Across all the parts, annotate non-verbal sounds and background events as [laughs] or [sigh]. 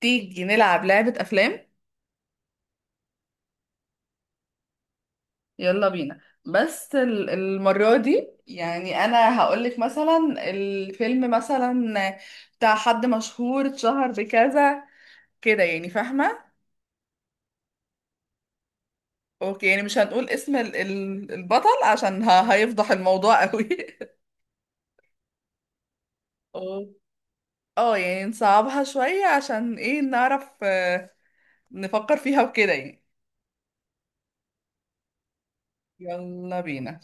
تيجي نلعب لعبة أفلام. يلا بينا، بس المرة دي، يعني أنا هقولك مثلا الفيلم مثلا بتاع حد مشهور اتشهر بكذا كده، يعني فاهمة؟ أوكي، يعني مش هنقول اسم البطل عشان هيفضح الموضوع قوي. [laughs] أو- اه يعني نصعبها شوية عشان ايه نعرف، نفكر فيها وكده يعني. يلا بينا.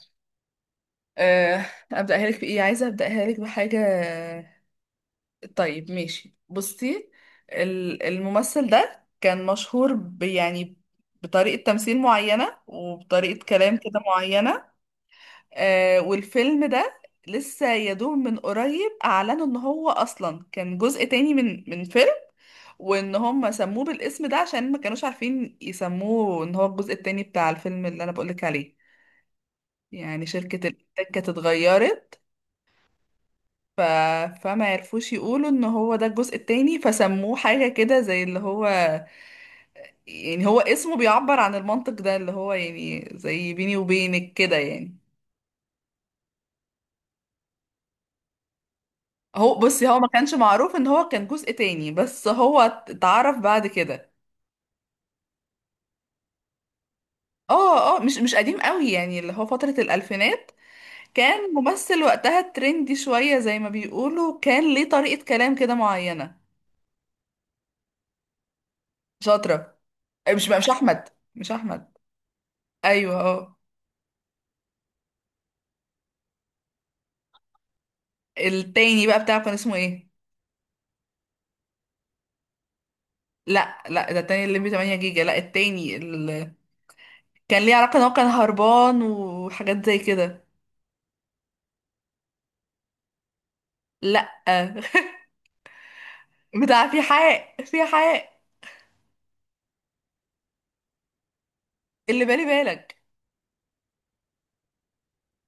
آه، أبدأها لك بإيه؟ عايزة أبدأها لك بحاجة. طيب ماشي، بصي. الممثل ده كان مشهور يعني بطريقة تمثيل معينة وبطريقة كلام كده معينة. آه، والفيلم ده لسه يا دوب من قريب أعلنوا إن هو أصلا كان جزء تاني من فيلم، وإن هم سموه بالاسم ده عشان ما كانوش عارفين يسموه إن هو الجزء التاني بتاع الفيلم اللي أنا بقولك عليه. يعني شركة الإنتاج كانت اتغيرت. ف... فما يعرفوش يقولوا ان هو ده الجزء التاني، فسموه حاجة كده زي اللي هو، يعني هو اسمه بيعبر عن المنطق ده، اللي هو يعني زي بيني وبينك كده يعني. هو بصي، هو ما كانش معروف ان هو كان جزء تاني، بس هو اتعرف بعد كده. اه اه، مش قديم قوي، يعني اللي هو فترة الألفينات. كان ممثل وقتها ترندي شوية زي ما بيقولوا، كان ليه طريقة كلام كده معينة. شاطرة. مش أحمد. مش أحمد. أيوه اه. التاني بقى بتاعه كان اسمه ايه؟ لا لا، ده التاني الليمبي 8 جيجا، لا التاني كان ليه علاقة ان هو كان هربان وحاجات زي كده. لا. [laughs] بتاع في حق اللي بالي بالك.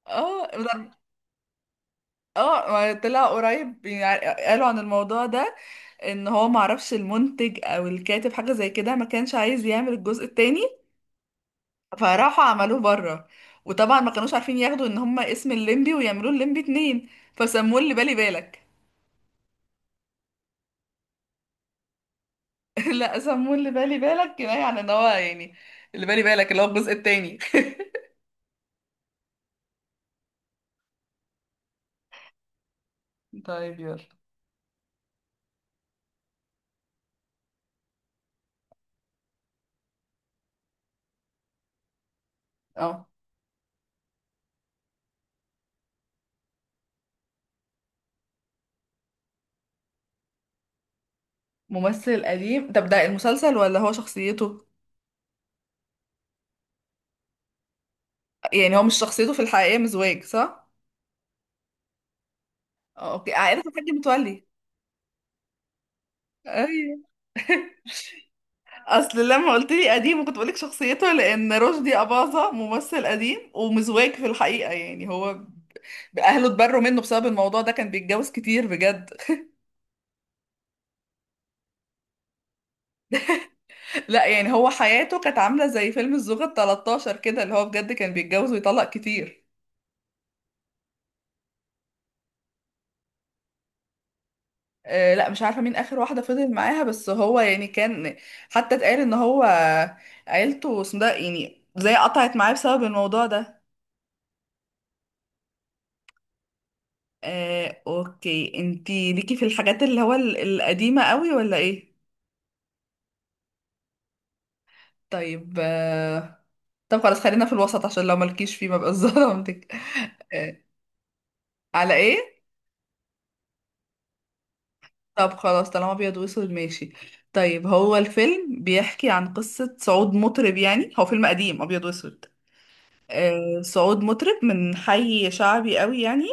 اه اه ما طلع قريب يعني قالوا عن الموضوع ده، ان هو معرفش المنتج او الكاتب حاجة زي كده، ما كانش عايز يعمل الجزء التاني، فراحوا عملوه بره. وطبعا ما كانوش عارفين ياخدوا ان هما اسم الليمبي ويعملوه الليمبي اتنين، فسموه اللي بالي بالك. [laughs] لا سمون اللي بالي بالك كفايه على ان هو يعني اللي بالي بالك اللي هو الجزء التاني. [laughs] طيب يلا. اه ممثل قديم. طب ده المسلسل ولا هو شخصيته؟ يعني هو مش شخصيته في الحقيقة مزواج صح؟ اه اوكي، عائلة الحاج متولي. ايوه. اصل لما قلت لي قديم كنت بقولك شخصيته، لان رشدي اباظة ممثل قديم ومزواج في الحقيقة. يعني هو اهله اتبروا منه بسبب الموضوع ده، كان بيتجوز كتير بجد. لا يعني هو حياته كانت عاملة زي فيلم الزوجة ال 13 كده، اللي هو بجد كان بيتجوز ويطلق كتير. آه لا مش عارفة مين آخر واحدة فضل معاها، بس هو يعني كان، حتى اتقال ان هو عيلته اسمه ده يعني زي قطعت معاه بسبب الموضوع ده. آه اوكي، انتي ليكي في الحاجات اللي هو القديمة قوي ولا ايه؟ طيب آه، طب خلاص خلينا في الوسط عشان لو ملكيش فيه ما بقاش [laughs] ظلمتك. آه، على ايه؟ طب خلاص، طالما ابيض واسود ماشي. طيب هو الفيلم بيحكي عن قصة صعود مطرب، يعني هو فيلم قديم ابيض واسود. آه صعود مطرب من حي شعبي قوي يعني.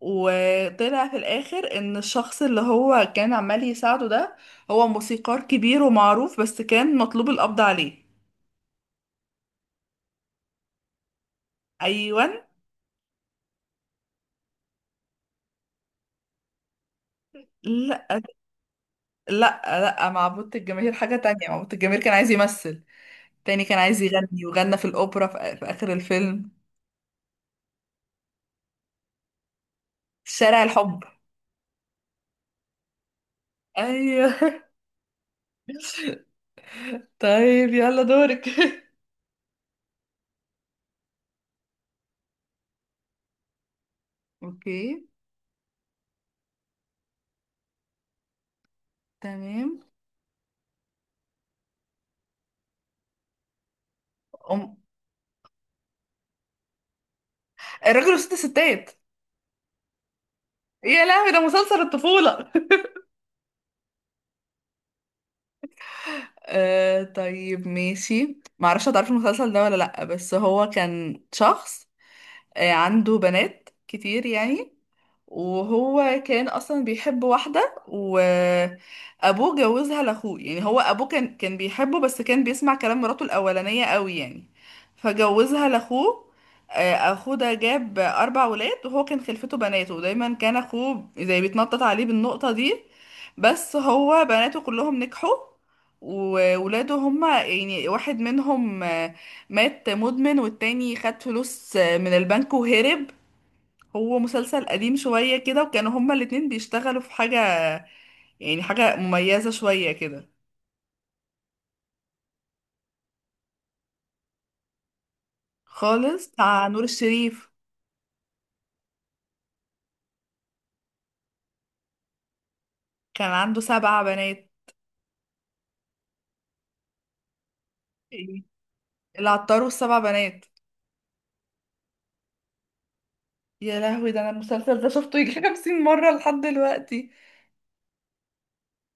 وطلع في الاخر ان الشخص اللي هو كان عمال يساعده ده هو موسيقار كبير ومعروف، بس كان مطلوب القبض عليه. ايوان. لا لا لا، معبود الجماهير حاجة تانية. معبود الجماهير كان عايز يمثل تاني، كان عايز يغني وغنى في الاوبرا في اخر الفيلم. شارع الحب. ايوه. طيب يلا دورك. [laughs] اوكي. تمام. أم... الراجل وست ستات. يا لهوي ده مسلسل الطفولة. [laughs] آه طيب ماشي، معرفش هتعرفي المسلسل ده ولا لأ، بس هو كان شخص عنده بنات كتير يعني، وهو كان اصلا بيحب واحده، وابوه جوزها لاخوه. يعني هو ابوه كان بيحبه بس كان بيسمع كلام مراته الاولانيه قوي يعني، فجوزها لاخوه. اخوه ده جاب اربع ولاد، وهو كان خلفته بناته، ودايما كان اخوه زي بيتنطط عليه بالنقطه دي، بس هو بناته كلهم نجحوا، وولاده هما يعني واحد منهم مات مدمن، والتاني خد فلوس من البنك وهرب. هو مسلسل قديم شوية كده، وكانوا هما الاتنين بيشتغلوا في حاجة يعني حاجة مميزة شوية كده. خالص، بتاع نور الشريف. كان عنده سبع بنات. إيه؟ العطار والسبع بنات. يا لهوي ده انا المسلسل ده شفته يجي [laughs] 50 مرة لحد دلوقتي.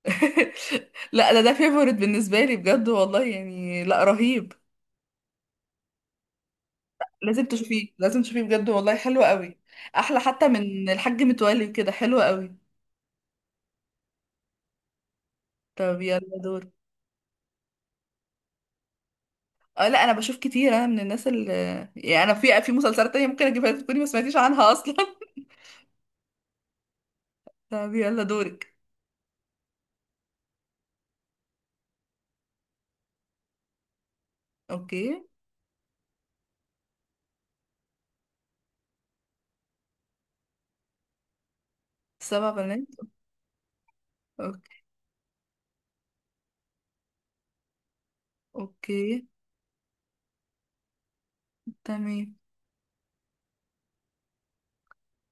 [laughs] لا ده ده فيفورت بالنسبة لي بجد والله يعني، لا رهيب. لازم تشوفيه، لازم تشوفيه بجد والله، حلو قوي. احلى حتى من الحاج متولي، كده حلو قوي. طب يلا دور. اه لا انا بشوف كتير، انا من الناس اللي يعني، انا في مسلسلات تانية ممكن اجيبها لك تكوني ما سمعتيش عنها اصلا. [laughs] طب يلا دورك. اوكي. سبع بنات. اوكي. اوكي. تمام.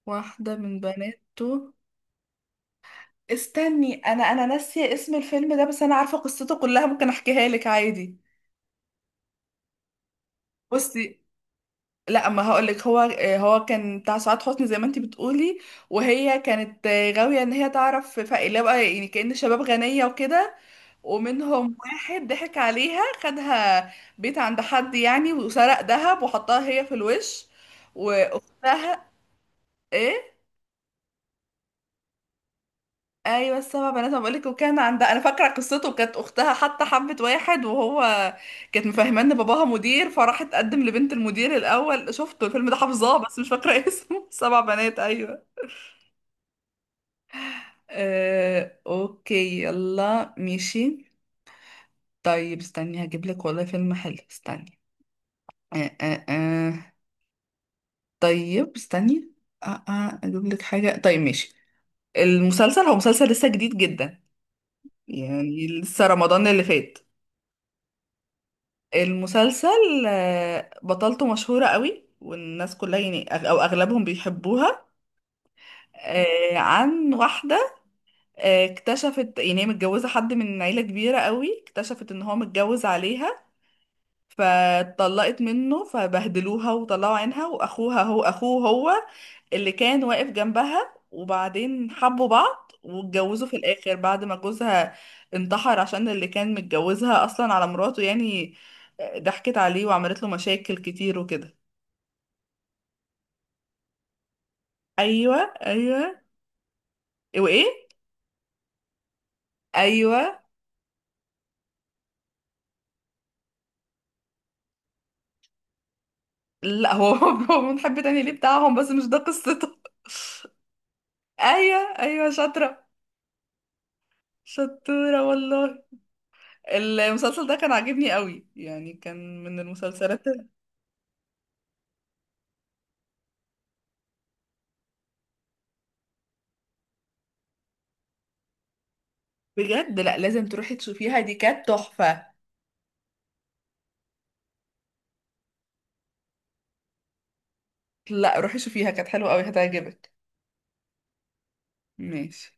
واحدة من بناته. استني، انا ناسية اسم الفيلم ده، بس انا عارفة قصته كلها، ممكن احكيها لك عادي. بصي، لا اما هقول لك. هو هو كان بتاع سعاد حسني زي ما انتي بتقولي، وهي كانت غاوية ان هي تعرف فقير اللي هو بقى، يعني كأن شباب غنية وكده. ومنهم واحد ضحك عليها، خدها بيت عند حد يعني، وسرق ذهب وحطها هي في الوش، واختها. ايه؟ ايوه السبع بنات ما بقولك. وكان عندها انا فاكره قصته، كانت اختها حتى حبت واحد وهو كانت مفهمه ان باباها مدير، فراحت تقدم لبنت المدير. الاول شفته الفيلم ده حافظاه، بس مش فاكره اسمه. [laughs] سبع بنات ايوه. اوكي يلا ماشي. طيب استني هجيب لك والله فيلم حلو، استني. آه آه آه. طيب استني، اجيب لك حاجة. طيب ماشي. المسلسل هو مسلسل لسه جديد جدا، يعني لسه رمضان اللي فات. المسلسل بطلته مشهورة قوي، والناس كلها يعني او اغلبهم بيحبوها. عن واحدة اكتشفت يعني هي متجوزة حد من عيلة كبيرة قوي، اكتشفت ان هو متجوز عليها، فاتطلقت منه، فبهدلوها وطلعوا عينها، واخوها هو اخوه، هو اللي كان واقف جنبها، وبعدين حبوا بعض واتجوزوا في الاخر بعد ما جوزها انتحر، عشان اللي كان متجوزها اصلا على مراته، يعني ضحكت عليه وعملت له مشاكل كتير وكده. ايوه. ايوه. وايه؟ ايوه. لا هو [laughs] هو منحب تاني ليه بتاعهم، بس مش ده قصته. [laughs] ايوه ايوه، شاطره. شطوره والله. المسلسل ده كان عاجبني قوي، يعني كان من المسلسلات. بجد لا لازم تروحي تشوفيها، دي كانت تحفة. لا روحي شوفيها، كانت حلوة قوي، هتعجبك. ماشي.